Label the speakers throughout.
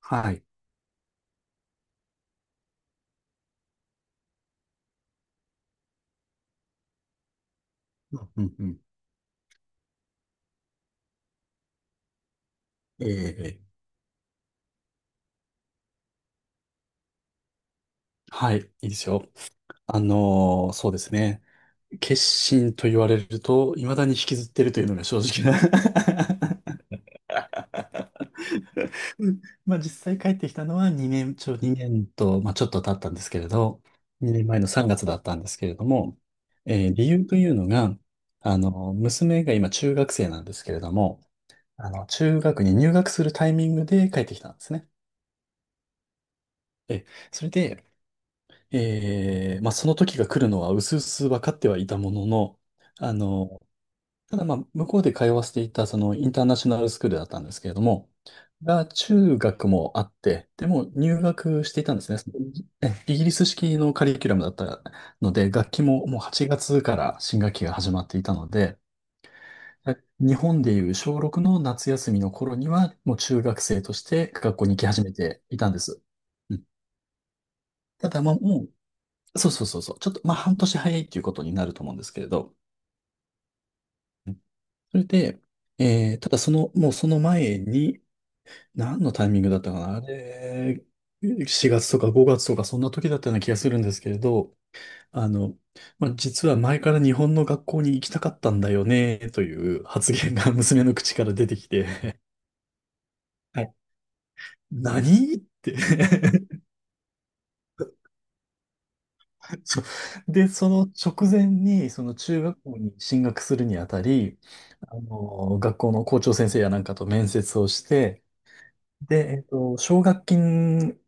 Speaker 1: はい。うんうんうん。ええ、はい、いいですよ。そうですね。決心と言われると、未だに引きずってるというのが正直な うん、まあ実際帰ってきたのは2年と、まあちょっと経ったんですけれど、2年前の3月だったんですけれども、理由というのが、娘が今中学生なんですけれども、中学に入学するタイミングで帰ってきたんですね。え、それで、ええ、まあ、その時が来るのは薄々分かってはいたものの、あの、ただまあ、向こうで通わせていたそのインターナショナルスクールだったんですけれども、が中学もあって、でも入学していたんですね。そのイギリス式のカリキュラムだったので、学期ももう8月から新学期が始まっていたので、日本でいう小6の夏休みの頃には、もう中学生として学校に行き始めていたんです。うん、ただ、まあ、もう、そうそうそうそう。ちょっと、まあ、半年早いっていうことになると思うんですけれど。うん、それで、ただその、もうその前に、何のタイミングだったかなあれ、4月とか5月とかそんな時だったような気がするんですけれど、あの、まあ、実は前から日本の学校に行きたかったんだよね、という発言が娘の口から出てきて、はい。何って そう。で、その直前に、その中学校に進学するにあたり、あの、学校の校長先生やなんかと面接をして、で、奨学金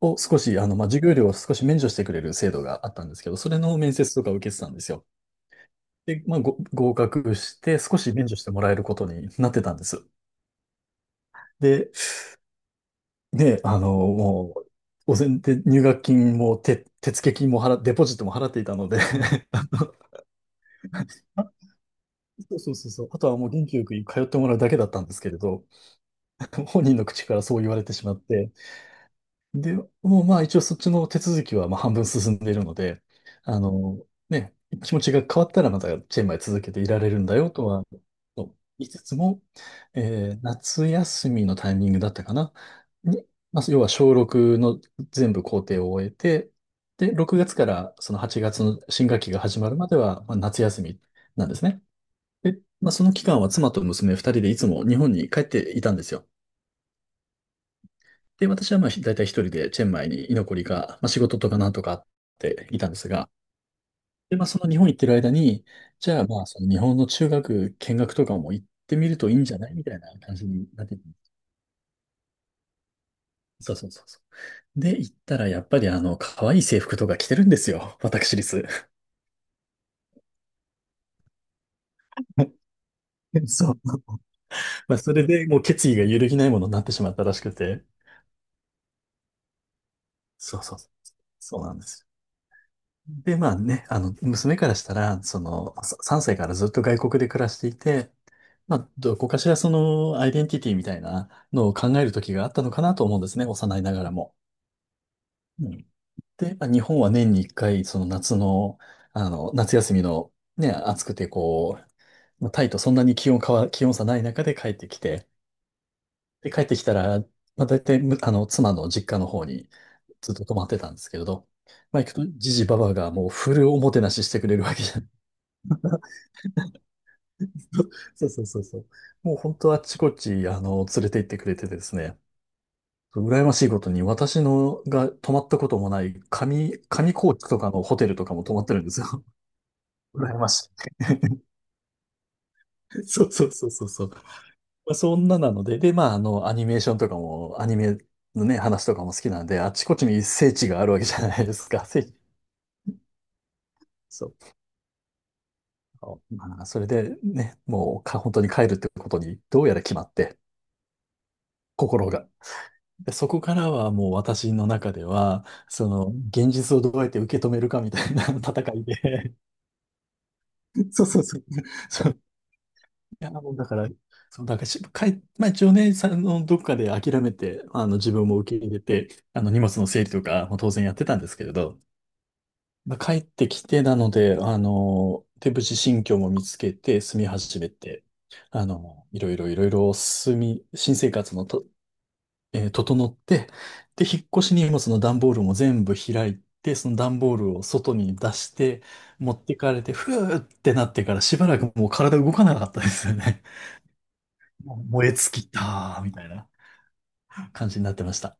Speaker 1: を少し、あの、まあ、授業料を少し免除してくれる制度があったんですけど、それの面接とか受けてたんですよ。で、まあ、ご合格して、少し免除してもらえることになってたんです。で、ね、あの、もう、お膳で入学金も手付金もデポジットも払っていたので あのそうそうそうそう。あとはもう元気よく通ってもらうだけだったんですけれど、本人の口からそう言われてしまって、で、もうまあ一応そっちの手続きはまあ半分進んでいるので、あの、ね、気持ちが変わったらまたチェンマイ続けていられるんだよとは、と言いつつも、夏休みのタイミングだったかな、に、まあ、要は小6の全部工程を終えて、で、6月からその8月の新学期が始まるまでは、まあ、夏休みなんですね。で、まあ、その期間は妻と娘二人でいつも日本に帰っていたんですよ。で、私はまあ大体一人でチェンマイに居残りが、まあ、仕事とかなんとかあっていたんですが、で、まあ、その日本行ってる間に、じゃあまあその日本の中学見学とかも行ってみるといいんじゃないみたいな感じになって、そうそうそうそう。で、行ったらやっぱりあの、可愛い制服とか着てるんですよ。私立。そう。まあ、それでもう決意が揺るぎないものになってしまったらしくて。そうそうそう。そうなんです。で、まあね、あの、娘からしたら、その、3歳からずっと外国で暮らしていて、まあ、どこかしらその、アイデンティティみたいなのを考える時があったのかなと思うんですね、幼いながらも。うん。で、まあ、日本は年に1回、その夏の、夏休みの、ね、暑くてこう、まあタイとそんなに気温差ない中で帰ってきて、で、帰ってきたら、まあ、大体、あの、妻の実家の方にずっと泊まってたんですけれど、まあ、行くと、じじばばがもうフルおもてなししてくれるわけじゃ そうそうそうそう。もう本当あっちこっち、あの、連れて行ってくれてですね。羨ましいことに、私のが泊まったこともない、上高地とかのホテルとかも泊まってるんですよ。羨ましい。そうそうそうそうそう。まあ、そんななので、で、まあ、あの、アニメーションとかも、アニメのね、話とかも好きなんで、あっちこっちに聖地があるわけじゃないですか。聖地。そう。まあ、それでね、もうか、本当に帰るってことに、どうやら決まって、心が。で、そこからはもう私の中では、その、現実をどうやって受け止めるかみたいな 戦いで、そうそうそう。そう、いや、もうだから、そう、だからし、かえ、まあ一応ね、さあの、どっかで諦めて、あの、自分も受け入れて、あの、荷物の整理とかも当然やってたんですけれど、まあ、帰ってきてなので、あの、手淵新居も見つけて住み始めて、あの、いろいろいろいろ新生活のと整って、で、引っ越し荷物の段ボールも全部開いて、その段ボールを外に出して、持ってかれて、ふーってなってからしばらくもう体動かなかったですよね。もう燃え尽きたー、みたいな感じになってました。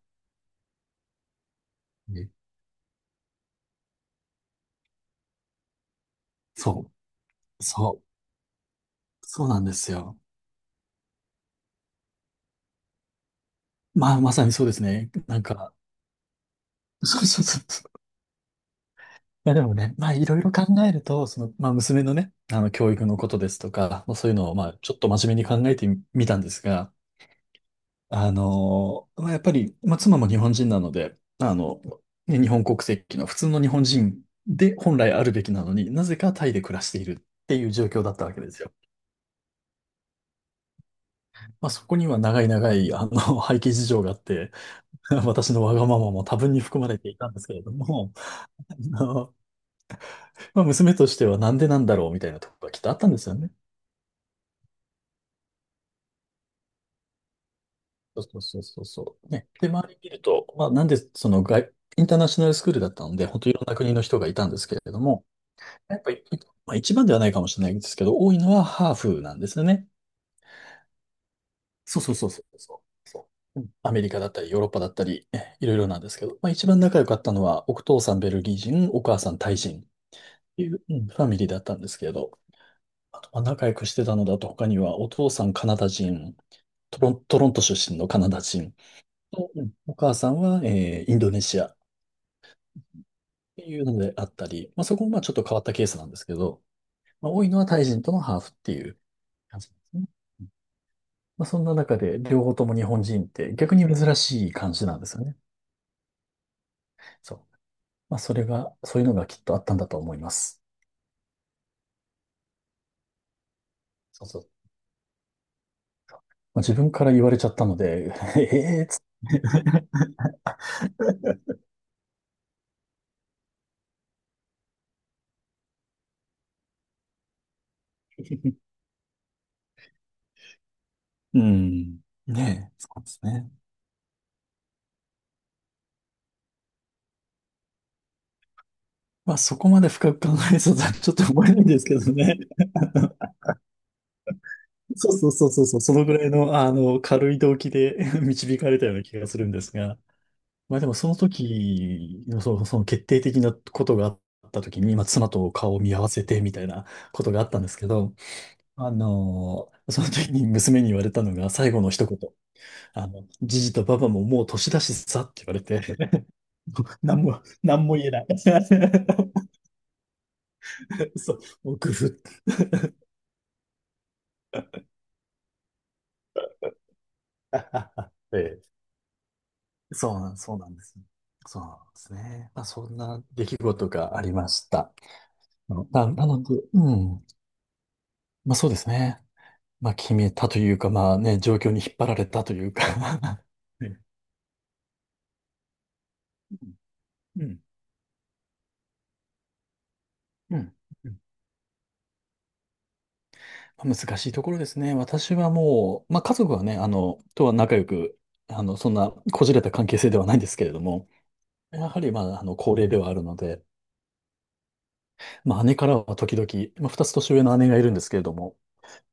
Speaker 1: ね。そう、そう、そうなんですよ。まあ、まさにそうですね。なんか、そうそうそうそう。いやでもね、まあいろいろ考えると、その、まあ娘のね、教育のことですとか、まあそういうのをまあちょっと真面目に考えてみたんですが、あの、まあ、やっぱり、まあ、妻も日本人なので、あの、ね、日本国籍の普通の日本人で本来あるべきなのになぜかタイで暮らしているっていう状況だったわけですよ。まあ、そこには長い長い、あの、背景事情があって、私のわがままも多分に含まれていたんですけれども、あの、まあ、娘としてはなんでなんだろうみたいなところがきっとあったんですよね。そうそうそうそうそう。ね。で、周り見ると、まあ、なんでその外、インターナショナルスクールだったので、本当いろんな国の人がいたんですけれども、やっぱり、まあ、一番ではないかもしれないですけど、多いのはハーフなんですよね。そうそうそうそうそう。そう、うん、アメリカだったり、ヨーロッパだったり、いろいろなんですけど、まあ、一番仲良かったのは、お父さんベルギー人、お母さんタイ人っていう、うん、ファミリーだったんですけれど、あとまあ仲良くしてたのだと、他にはお父さんカナダ人、トロント出身のカナダ人と、うん、お母さんは、インドネシアっていうのであったり、まあ、そこもまあちょっと変わったケースなんですけど、まあ、多いのはタイ人とのハーフっていう感じですね。まあ、そんな中で両方とも日本人って逆に珍しい感じなんですよね。そう。まあ、それが、そういうのがきっとあったんだと思います。そうそう。まあ、自分から言われちゃったので、ええつ、うん。ねえ、そうですね。まあ、そこまで深く考えそうだ、ちょっと思えないんですけどね。そうそうそうそうそう、そのぐらいの、軽い動機で 導かれたような気がするんですが。まあでも、その時の、その決定的なことがあった時に、まあ、妻と顔を見合わせてみたいなことがあったんですけど、その時に娘に言われたのが最後の一言。ジジとパパももう年だしさって言われて、何も言えない。そう、もうぐふった。ええそうなんです。そうなんですね。まあ、そんな出来事がありました。なので、うん。まあそうですね。まあ決めたというか、まあね、状況に引っ張られたというか ね、うん。うん。うん、難しいところですね。私はもう、まあ家族はね、とは仲良く、そんなこじれた関係性ではないんですけれども、やはりまあ、高齢ではあるので、まあ姉からは時々、まあ二つ年上の姉がいるんですけれども、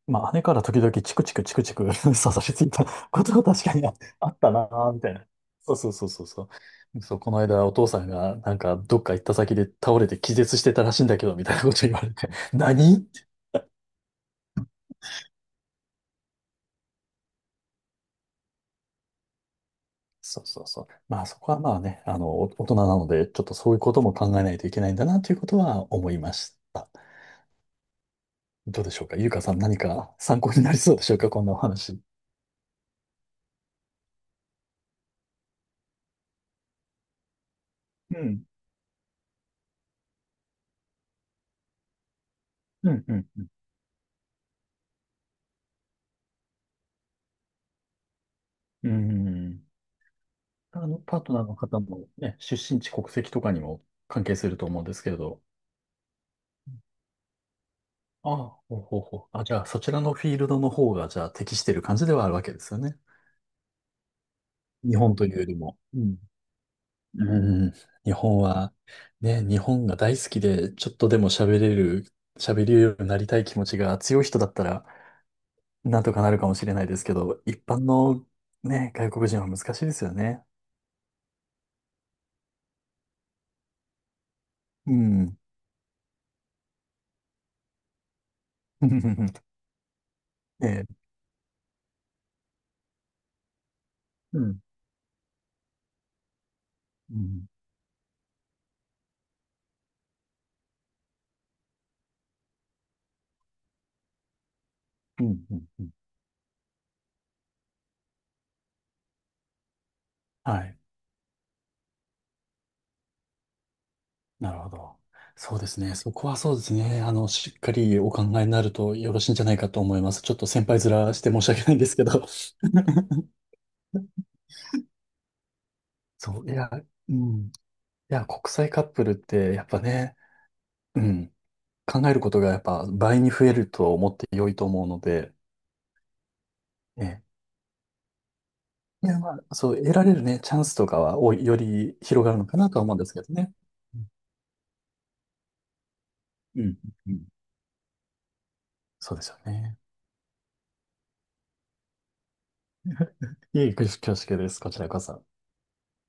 Speaker 1: まあ姉から時々チクチクチクチク 刺さしついたことは確かにああったなぁ、みたいな。そうそうそうそうそう。そう、この間お父さんがなんかどっか行った先で倒れて気絶してたらしいんだけど、みたいなこと言われて、何そうそうそう。まあそこはまあね、お大人なので、ちょっとそういうことも考えないといけないんだなということは思いました。どうでしょうか、ゆうかさん、何か参考になりそうでしょうか、こんなお話。うん。うん、うん、うん。うん、パートナーの方もね、出身地、国籍とかにも関係すると思うんですけれど。ああ、ほうほうほう。あ、じゃあ、そちらのフィールドの方が、じゃあ、適している感じではあるわけですよね。日本というよりも。うん、うん、日本は、ね、日本が大好きで、ちょっとでも喋れる、喋れるようになりたい気持ちが強い人だったら、なんとかなるかもしれないですけど、一般のね、外国人は難しいですよね。うん。ええ、うん。うん。うん。うんうん、はい。なるほど。そうですね。そこはそうですね。しっかりお考えになるとよろしいんじゃないかと思います。ちょっと先輩面して申し訳ないんですけど。そう、いや、うん。いや、国際カップルって、やっぱね、うん。考えることがやっぱ倍に増えると思って良いと思うので、え、いや、まあ、そう、得られるね、チャンスとかは、おい、より広がるのかなとは思うんですけどね。うん。うん。うん、そうですよね。いい恐縮です。こちらこそ。